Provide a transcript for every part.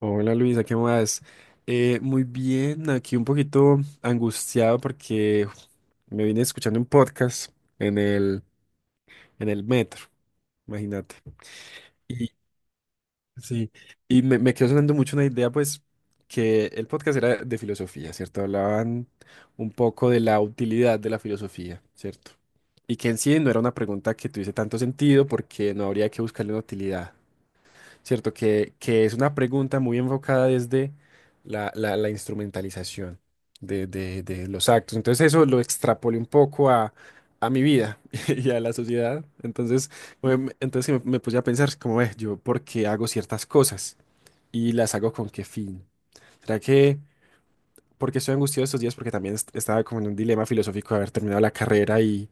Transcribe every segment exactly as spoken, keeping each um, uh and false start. Hola Luisa, ¿qué más? Eh, muy bien, aquí un poquito angustiado porque uf, me vine escuchando un podcast en el, en el metro, imagínate. Y sí, y me, me quedó sonando mucho una idea, pues, que el podcast era de filosofía, ¿cierto? Hablaban un poco de la utilidad de la filosofía, ¿cierto? Y que en sí no era una pregunta que tuviese tanto sentido porque no habría que buscarle una utilidad. ¿Cierto? Que, que es una pregunta muy enfocada desde la, la- la instrumentalización de, de- de los actos. Entonces eso lo extrapolé un poco a, a mi vida y a la sociedad. Entonces, me- me- entonces sí me, me puse a pensar como, "Ve, yo, ¿por qué hago ciertas cosas? ¿Y las hago con qué fin? ¿Será que porque estoy angustiado estos días? Porque también est- estaba como en un dilema filosófico de haber terminado la carrera y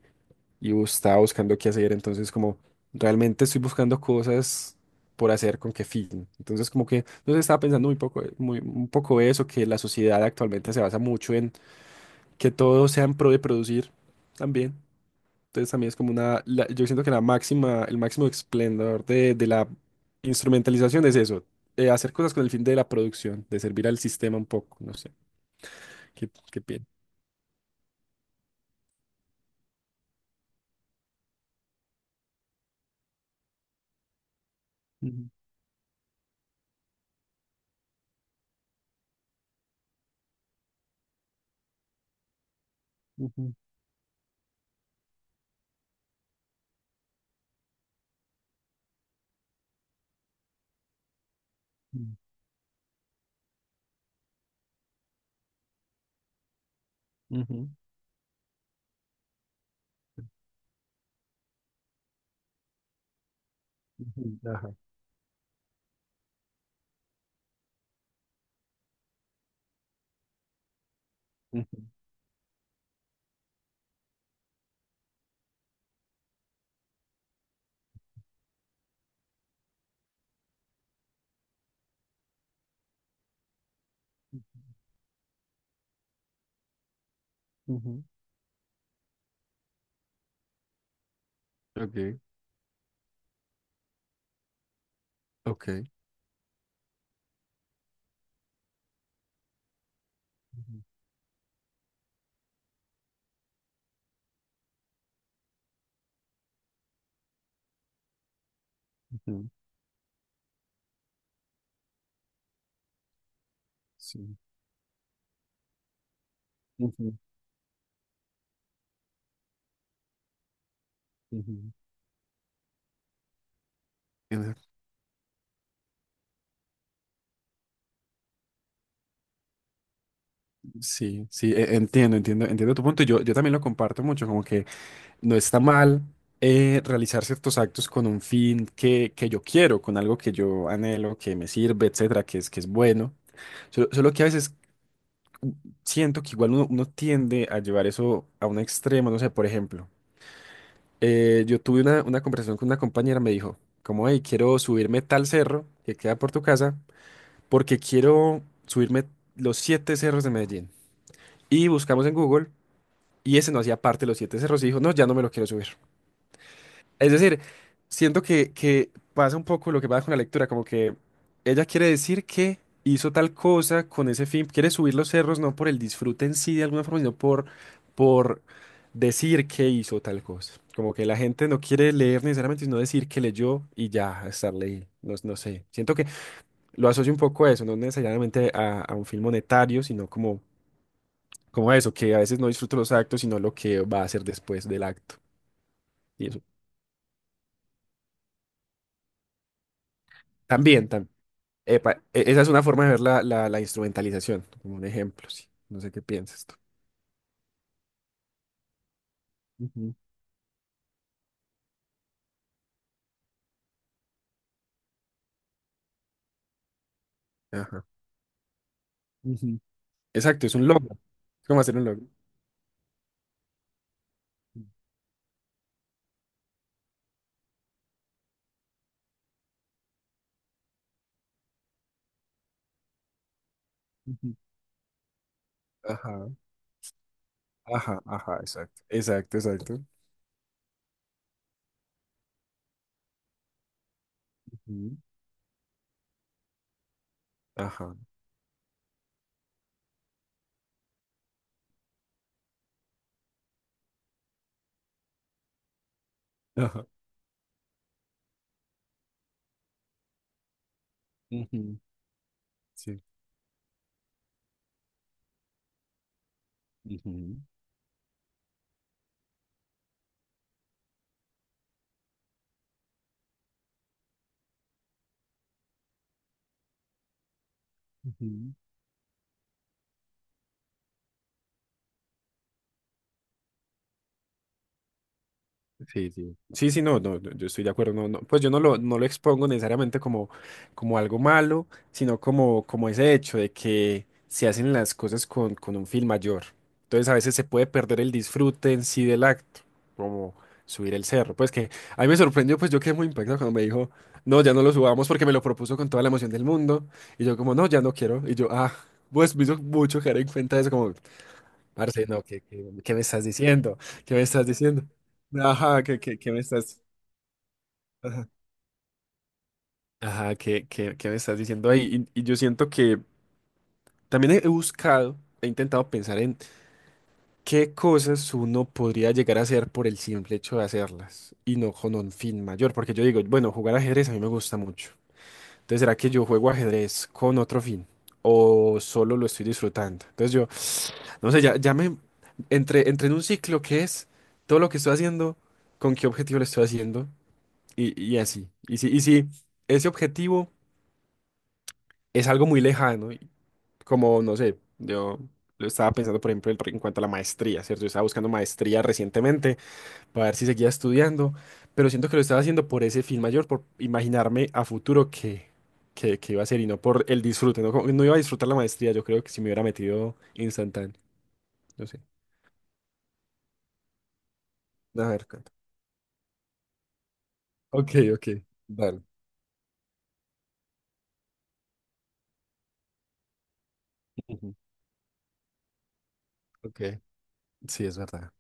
bus- estaba buscando qué hacer, entonces como realmente estoy buscando cosas por hacer con qué fin. Entonces como que, no sé, estaba pensando muy poco, muy, un poco eso, que la sociedad actualmente se basa mucho en que todo sea en pro de producir también. Entonces también es como una, la- yo siento que la máxima, el máximo esplendor de, de la instrumentalización es eso, eh, hacer cosas con el fin de la producción, de servir al sistema un poco, no sé, qué, qué piensas? Ujú, ujú, ujú, ujú, ujú, ajá. Ujú, ujú. Ok. Ok. Ujú, sí. Ujú, ujú. Entiendo. Sí, sí, e- entiendo, entiendo, entiendo tu punto. Yo, yo también lo comparto mucho, como que no está mal eh, realizar ciertos actos con un fin que, que yo quiero, con algo que yo anhelo, que me sirve, etcétera, que es, que es bueno. Solo, solo que a veces mm, siento que igual uno, uno tiende a llevar eso a un extremo, no sé, por ejemplo, eh, yo tuve una, una conversación con una compañera, me dijo, como, hey, quiero subirme tal cerro que queda por tu casa, porque quiero subirme los siete cerros de Medellín. Y buscamos en Google y ese no hacía parte de los siete cerros y dijo, no, ya no me lo quiero subir. Es decir, siento que, que pasa un poco lo que pasa con la lectura, como que ella quiere decir que hizo tal cosa con ese fin, quiere subir los cerros no por el disfrute en sí de alguna forma, sino por, por decir que hizo tal cosa. Como que la gente no quiere leer necesariamente, sino decir que leyó y ya estar leyendo. No, no sé. Siento que lo asocio un poco a eso, no necesariamente a, a un fin monetario, sino como, como, a eso, que a veces no disfruto los actos, sino lo que va a hacer después del acto. Y eso. También, también. Esa es una forma de ver la, la, la instrumentalización, como un ejemplo, sí. No sé qué piensas tú. Ujú, ajá. Ujú. Exacto, es un logro. Es como hacer un logro. Ujú. Ajá, ajá, ajá, exacto. Exacto, exacto. Ujú, ajá, ajá. Ujú, sí. Ujú, ujú. Sí, sí. Sí, sí, no, no, no, yo estoy de acuerdo. No, no, pues yo no lo, no lo expongo necesariamente como, como, algo malo, sino como, como ese hecho de que se hacen las cosas con, con un fin mayor. Entonces a veces se puede perder el disfrute en sí del acto, como subir el cerro. Pues que a mí me sorprendió, pues yo quedé muy impactado cuando me dijo, no, ya no lo subamos porque me lo propuso con toda la emoción del mundo. Y yo como, no, ya no quiero. Y yo, ah, pues me hizo mucho caer en cuenta de eso, como, parce, no, ¿qué, qué, qué me estás diciendo? ¿Qué me estás diciendo? Ajá, ¿qué, qué, qué me estás... Ajá. Ajá, ¿qué, qué, qué me estás diciendo ahí? Y, y yo siento que también he buscado, he intentado pensar en qué cosas uno podría llegar a hacer por el simple hecho de hacerlas y no con un fin mayor. Porque yo digo, bueno, jugar ajedrez a mí me gusta mucho. Entonces, ¿será que yo juego ajedrez con otro fin? ¿O solo lo estoy disfrutando? Entonces yo... No sé, ya, ya me entré, entré en un ciclo que es todo lo que estoy haciendo, con qué objetivo lo estoy haciendo y, y así. Y si, y si ese objetivo es algo muy lejano, y como no sé, yo lo estaba pensando, por ejemplo, en en cuanto a la maestría, ¿cierto? Yo estaba buscando maestría recientemente para ver si seguía estudiando, pero siento que lo estaba haciendo por ese fin mayor, por imaginarme a futuro que, que, que iba a ser y no por el disfrute, ¿no? Como- que no iba a disfrutar la maestría, yo creo que si me hubiera metido instantáneo, no sé. A ver. Ok, ok, dale. Ujú, ok, sí, es verdad.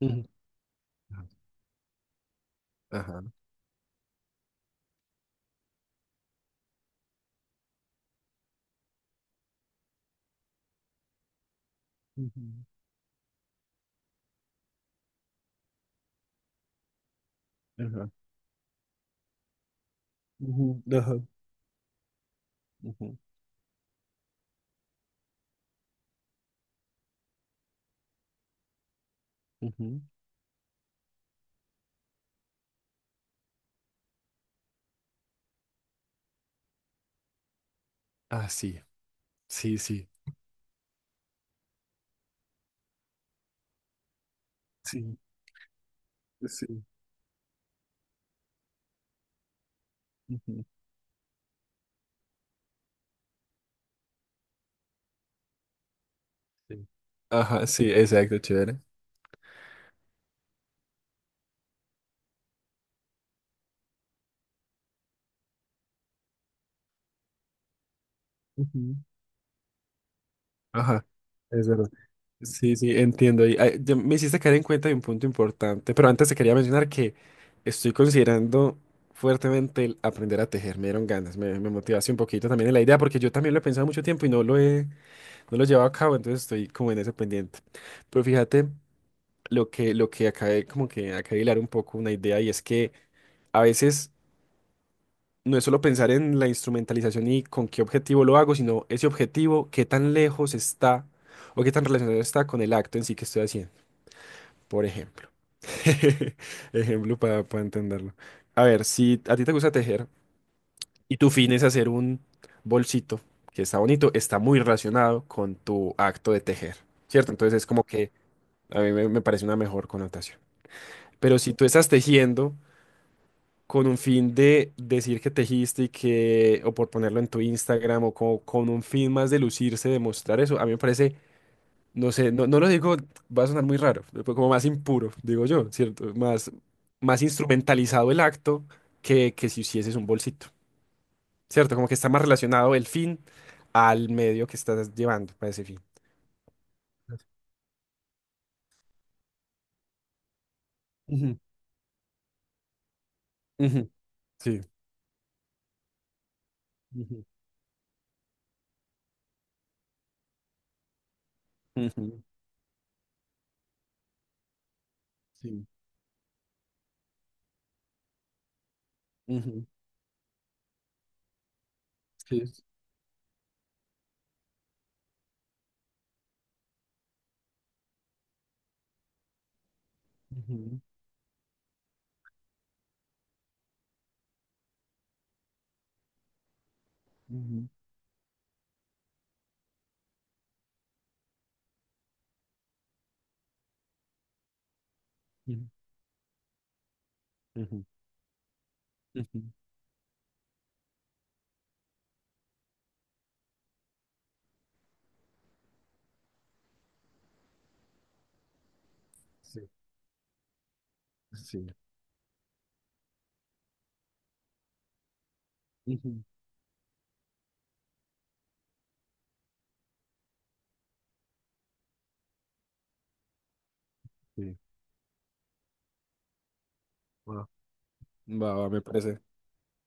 Ujú, ajá. Ujú, ajá. Ujú, ajá. Ujú, ujú. Ah, sí, sí, sí. Sí, sí. Ujú, sí. Ajá, sí, exacto, chévere. Ujú. Ajá, es verdad. Sí, sí, entiendo. Y, ay, ya me hiciste caer en cuenta de un punto importante, pero antes te quería mencionar que estoy considerando fuertemente el aprender a tejer. Me dieron ganas, me, me motivaste un poquito también en la idea, porque yo también lo he pensado mucho tiempo y no lo he, no lo llevo a cabo, entonces estoy como en ese pendiente. Pero fíjate lo que, lo que acabé como que acabé de hilar un poco una idea y es que a veces no es solo pensar en la instrumentalización y con qué objetivo lo hago, sino ese objetivo, qué tan lejos está o qué tan relacionado está con el acto en sí que estoy haciendo, por ejemplo. Ejemplo para, para entenderlo. A ver, si a ti te gusta tejer y tu fin es hacer un bolsito que está bonito, está muy relacionado con tu acto de tejer, ¿cierto? Entonces es como que a mí me, me parece una mejor connotación. Pero si tú estás tejiendo con un fin de decir que tejiste y que, o por ponerlo en tu Instagram, o co- con, un fin más de lucirse, de mostrar eso, a mí me parece, no sé, no, no lo digo, va a sonar muy raro, pero como más impuro, digo yo, ¿cierto? Más, más instrumentalizado el acto que, que si hicieses un bolsito, ¿cierto? Como que está más relacionado el fin al medio que estás llevando para ese fin. Ujú, ujú, sí. Ujú, ujú, sí, ujú, sí. Ujú, ujú, ujú, ujú, ujú. Sí, sí, ujú, sí. Va, va, va, me parece,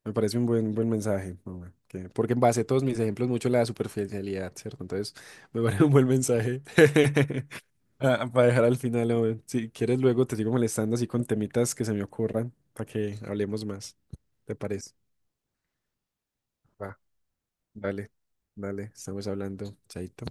me parece un buen, buen mensaje. Hombre, que- porque en base a todos mis ejemplos mucho la superficialidad, ¿cierto? Entonces, me parece un buen mensaje Ah, para dejar al final. Hombre. Si quieres, luego te sigo molestando así con temitas que se me ocurran para que hablemos más. ¿Te parece? Va, dale, dale, estamos hablando, chaito.